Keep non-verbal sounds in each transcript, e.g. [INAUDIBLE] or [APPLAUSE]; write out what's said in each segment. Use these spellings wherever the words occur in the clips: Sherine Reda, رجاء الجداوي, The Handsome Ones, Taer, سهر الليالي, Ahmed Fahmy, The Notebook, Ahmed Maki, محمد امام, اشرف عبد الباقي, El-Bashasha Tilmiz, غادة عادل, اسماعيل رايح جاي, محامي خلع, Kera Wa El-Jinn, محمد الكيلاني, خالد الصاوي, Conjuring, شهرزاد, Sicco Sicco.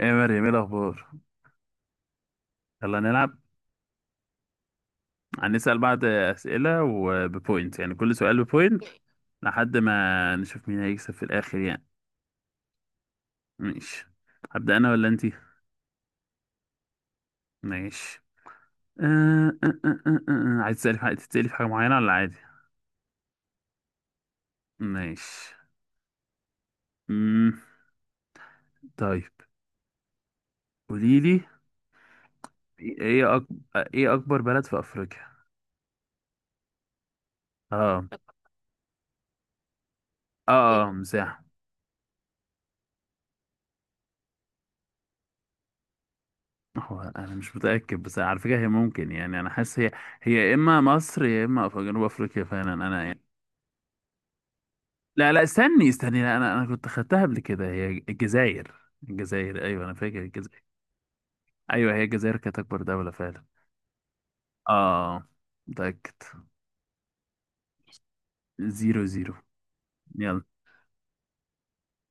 ايه يا مريم، ايه الاخبار؟ يلا نلعب. هنسال بعض اسئله وببوينت، يعني كل سؤال ببوينت لحد ما نشوف مين هيكسب في الاخر يعني. ماشي. هبدا انا ولا انتي؟ ماشي. أه أه أه أه أه. آه. عايز تسالي في حاجه معينه ولا عادي؟ ماشي. امم طيب، قولي لي. ايه أكبر ايه اكبر بلد في افريقيا؟ اه اوكي. مساحه. هو انا مش متاكد، بس على فكره هي ممكن، يعني انا حاسس هي يا اما مصر يا اما جنوب افريقيا، فعلا انا يعني. لا، لا، استني استني، لا انا كنت خدتها قبل كده، هي الجزائر. الجزائر، ايوه انا فاكر الجزائر. ايوه هي الجزائر كانت اكبر دولة فعلا. اه، متأكد. 0-0. يلا.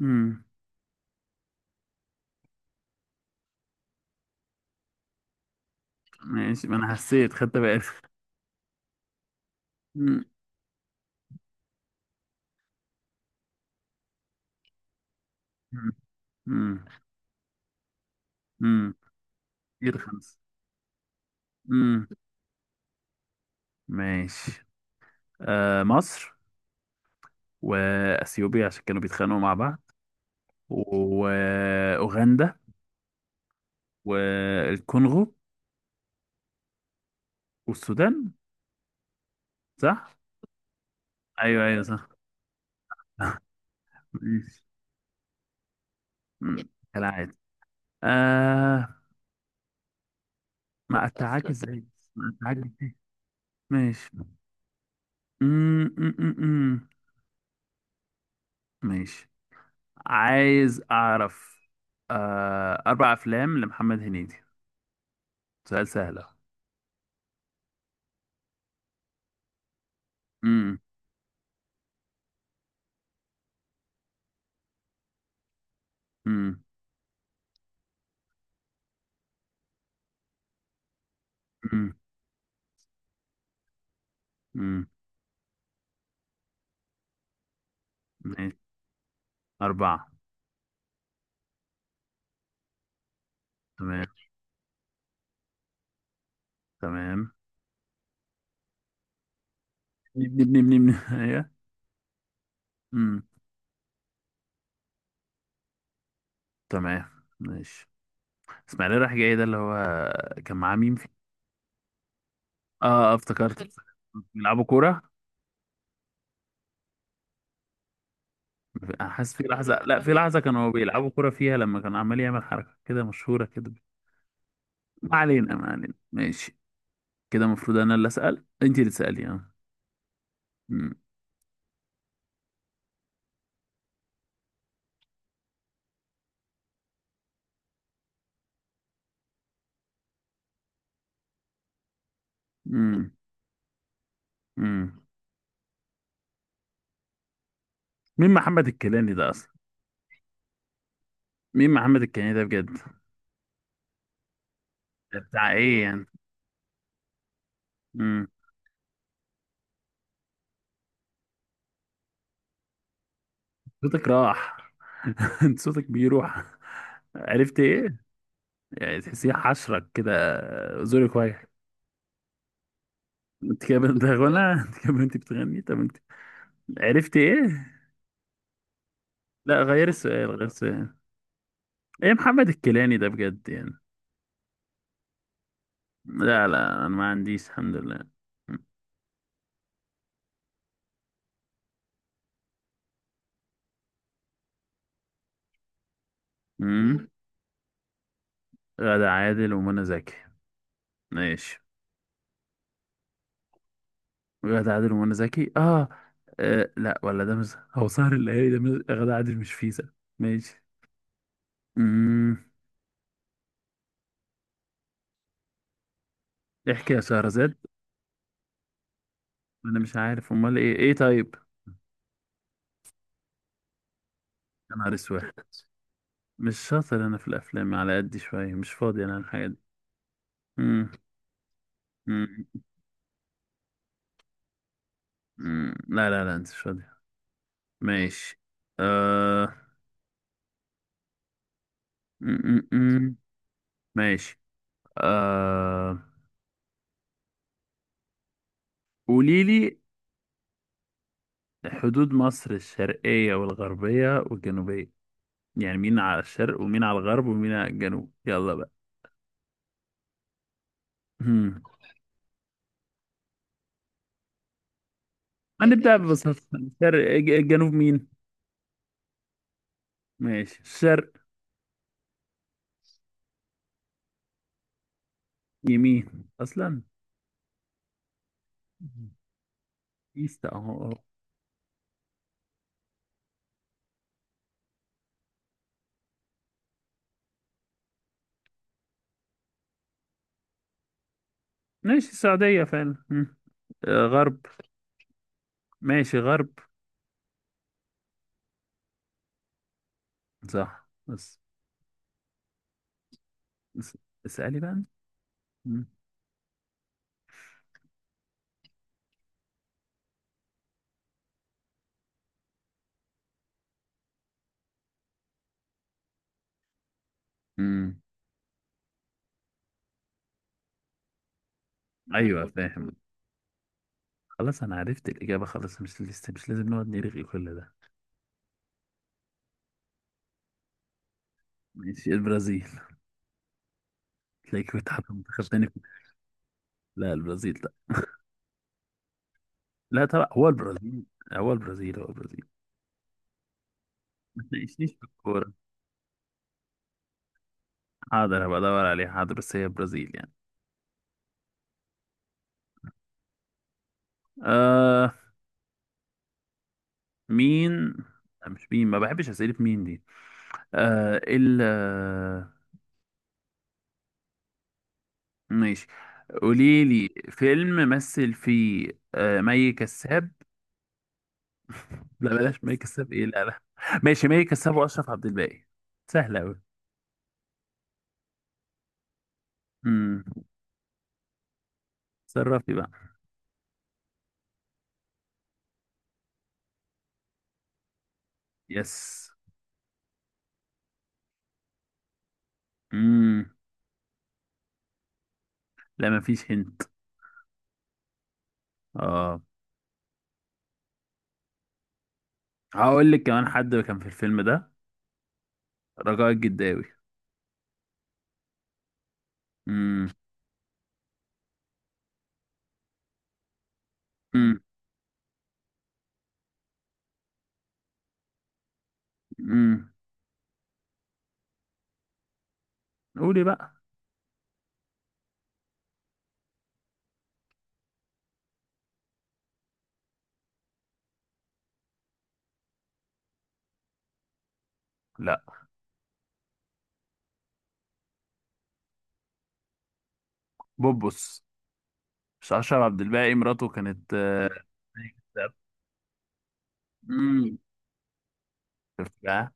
امم ماشي، ما انا حسيت خدت بالي. امم امم امم كتير، خمسة. امم ماشي. آه، مصر. واثيوبيا عشان كانوا بيتخانقوا مع بعض. واوغندا. والكونغو. والسودان. صح. ايوه، ايوه، صح. [LAUGHS] مم. كالعادة. آه. ما قطعك ازاي؟ ما قطعك ازاي؟ ماشي. مم، مم، مم، مم. ماشي، عايز اعرف. اربع افلام لمحمد هنيدي. سؤال سهل أهو. مم، مم، مم، مم. ماشي. اربعة. تمام. تمام. ابني ابني ابني ابني [LAUGHS] ايوه. مم، تمام. ماشي، اسماعيل رايح جاي ده اللي هو، كان معاه مين فيه؟ افتكرت. [LAUGHS] بيلعبوا كورة. حاسس في لحظة، لا، في لحظة كانوا بيلعبوا كرة فيها لما كان عمال يعمل حركة كده مشهورة كده. ما علينا، ما علينا، ماشي. كده المفروض أنا اللي أسأل، أنت اللي تسألي مم. مم. مم. مين محمد الكيلاني ده أصلا؟ مين محمد الكيلاني ده بجد؟ ده بتاع إيه يعني؟ مم. صوتك راح. [LAUGHS] أنت صوتك بيروح. عرفت إيه؟ يعني تحسيه حشرك كده، زورك واجعك. أنت كده بتغنى، أنت كده، أنت بتغني، طب أنت؟ عرفت إيه؟ لا، غير السؤال، غير السؤال. ايه محمد الكيلاني ده بجد يعني؟ لا، لا، انا ما عنديش، الحمد لله. امم مم. غادة عادل ومنى زكي. ماشي، غادة عادل ومنى زكي. آه. اه لا، ولا ده مش، هو سهر الليالي ده مش... غادة عادل مش فيزا. ماشي. امم احكي يا شهرزاد. انا مش عارف، امال ايه طيب؟ يا نهار اسود، مش شاطر انا في الافلام، على قد شويه مش فاضي انا الحاجات دي. امم أمم، أمم. لا، لا، لا، انت مش فاضي. ماشي. آه. أمم، أمم، أمم. ماشي. آه... قولي لي حدود مصر الشرقية والغربية والجنوبية، يعني مين على الشرق ومين على الغرب ومين على الجنوب؟ يلا بقى. هم. هنبدأ [LAUGHS] ببساطة، الشرق، الجنوب مين؟ ماشي، الشرق. يمين أصلا. ايست اهو. أهو. ماشي، السعودية فعلا. هم. غرب. ماشي، غرب. صح، بس. بس- اسألي بقى. هم. هم. ايوه، فاهم. خلاص انا عرفت الإجابة، خلاص مش لسه، مش لازم نقعد نرغي كل ده. ماشي، البرازيل. تلاقيك بتحب منتخب تاني لا، البرازيل، لا. لا طبعا، هو البرازيل. هو البرازيل، هو البرازيل. ما تناقشنيش في الكورة. حاضر، هبقى ادور عليه، حاضر، بس هي البرازيل يعني. آه مين؟ لا مش مين، ما بحبش اسئلة مين دي. آه ال آه، ماشي، قولي لي فيلم مثل فيه مي كساب. لا بلاش مي كساب، ايه لا لا. ماشي، مي كساب واشرف عبد الباقي. سهلة اوي. امم تصرفي بقى. يس. امم لا، مفيش هنت. اه هقول لك كمان حد كان في الفيلم ده. رجاء الجداوي. امم امم امم قولي بقى. لا، بوبوس. مش اشرف عبد الباقي مراته كانت امم شفت بقى؟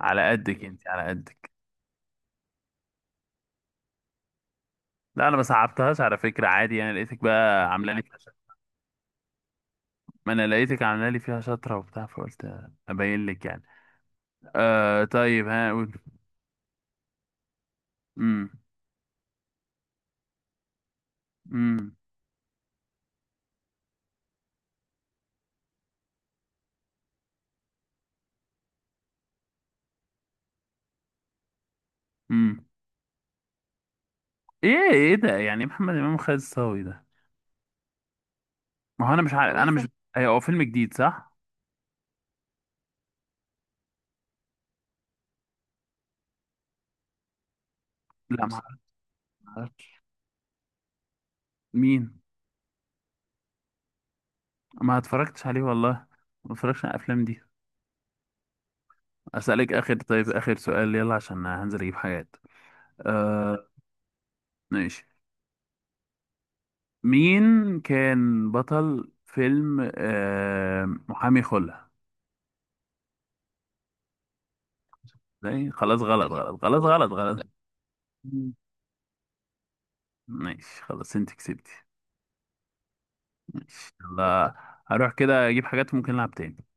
على قدك انت، على قدك. لا انا ما صعبتهاش، على فكره عادي يعني، لقيتك بقى عامله لي فيها شطره. ما انا لقيتك عامله لي فيها شطره وبتاع، فقلت ابين لك يعني. طيب، ها قول. امم امم امم ايه ده يعني؟ محمد امام خالد الصاوي ده؟ ما هو انا مش عارفه. ايوه هو فيلم جديد، صح؟ لا ما مش عارف- ما اعرفش مين. ما اتفرجتش عليه والله، ما اتفرجتش على الافلام دي. اسالك اخر طيب، اخر سؤال يلا، عشان هنزل اجيب حاجات. آه ماشي. مين كان بطل فيلم محامي خلع؟ خلاص غلط غلط، خلاص غلط غلط. ماشي، خلاص انت كسبتي. ماشي، يلا. هروح كده اجيب حاجات، ممكن نلعب تاني.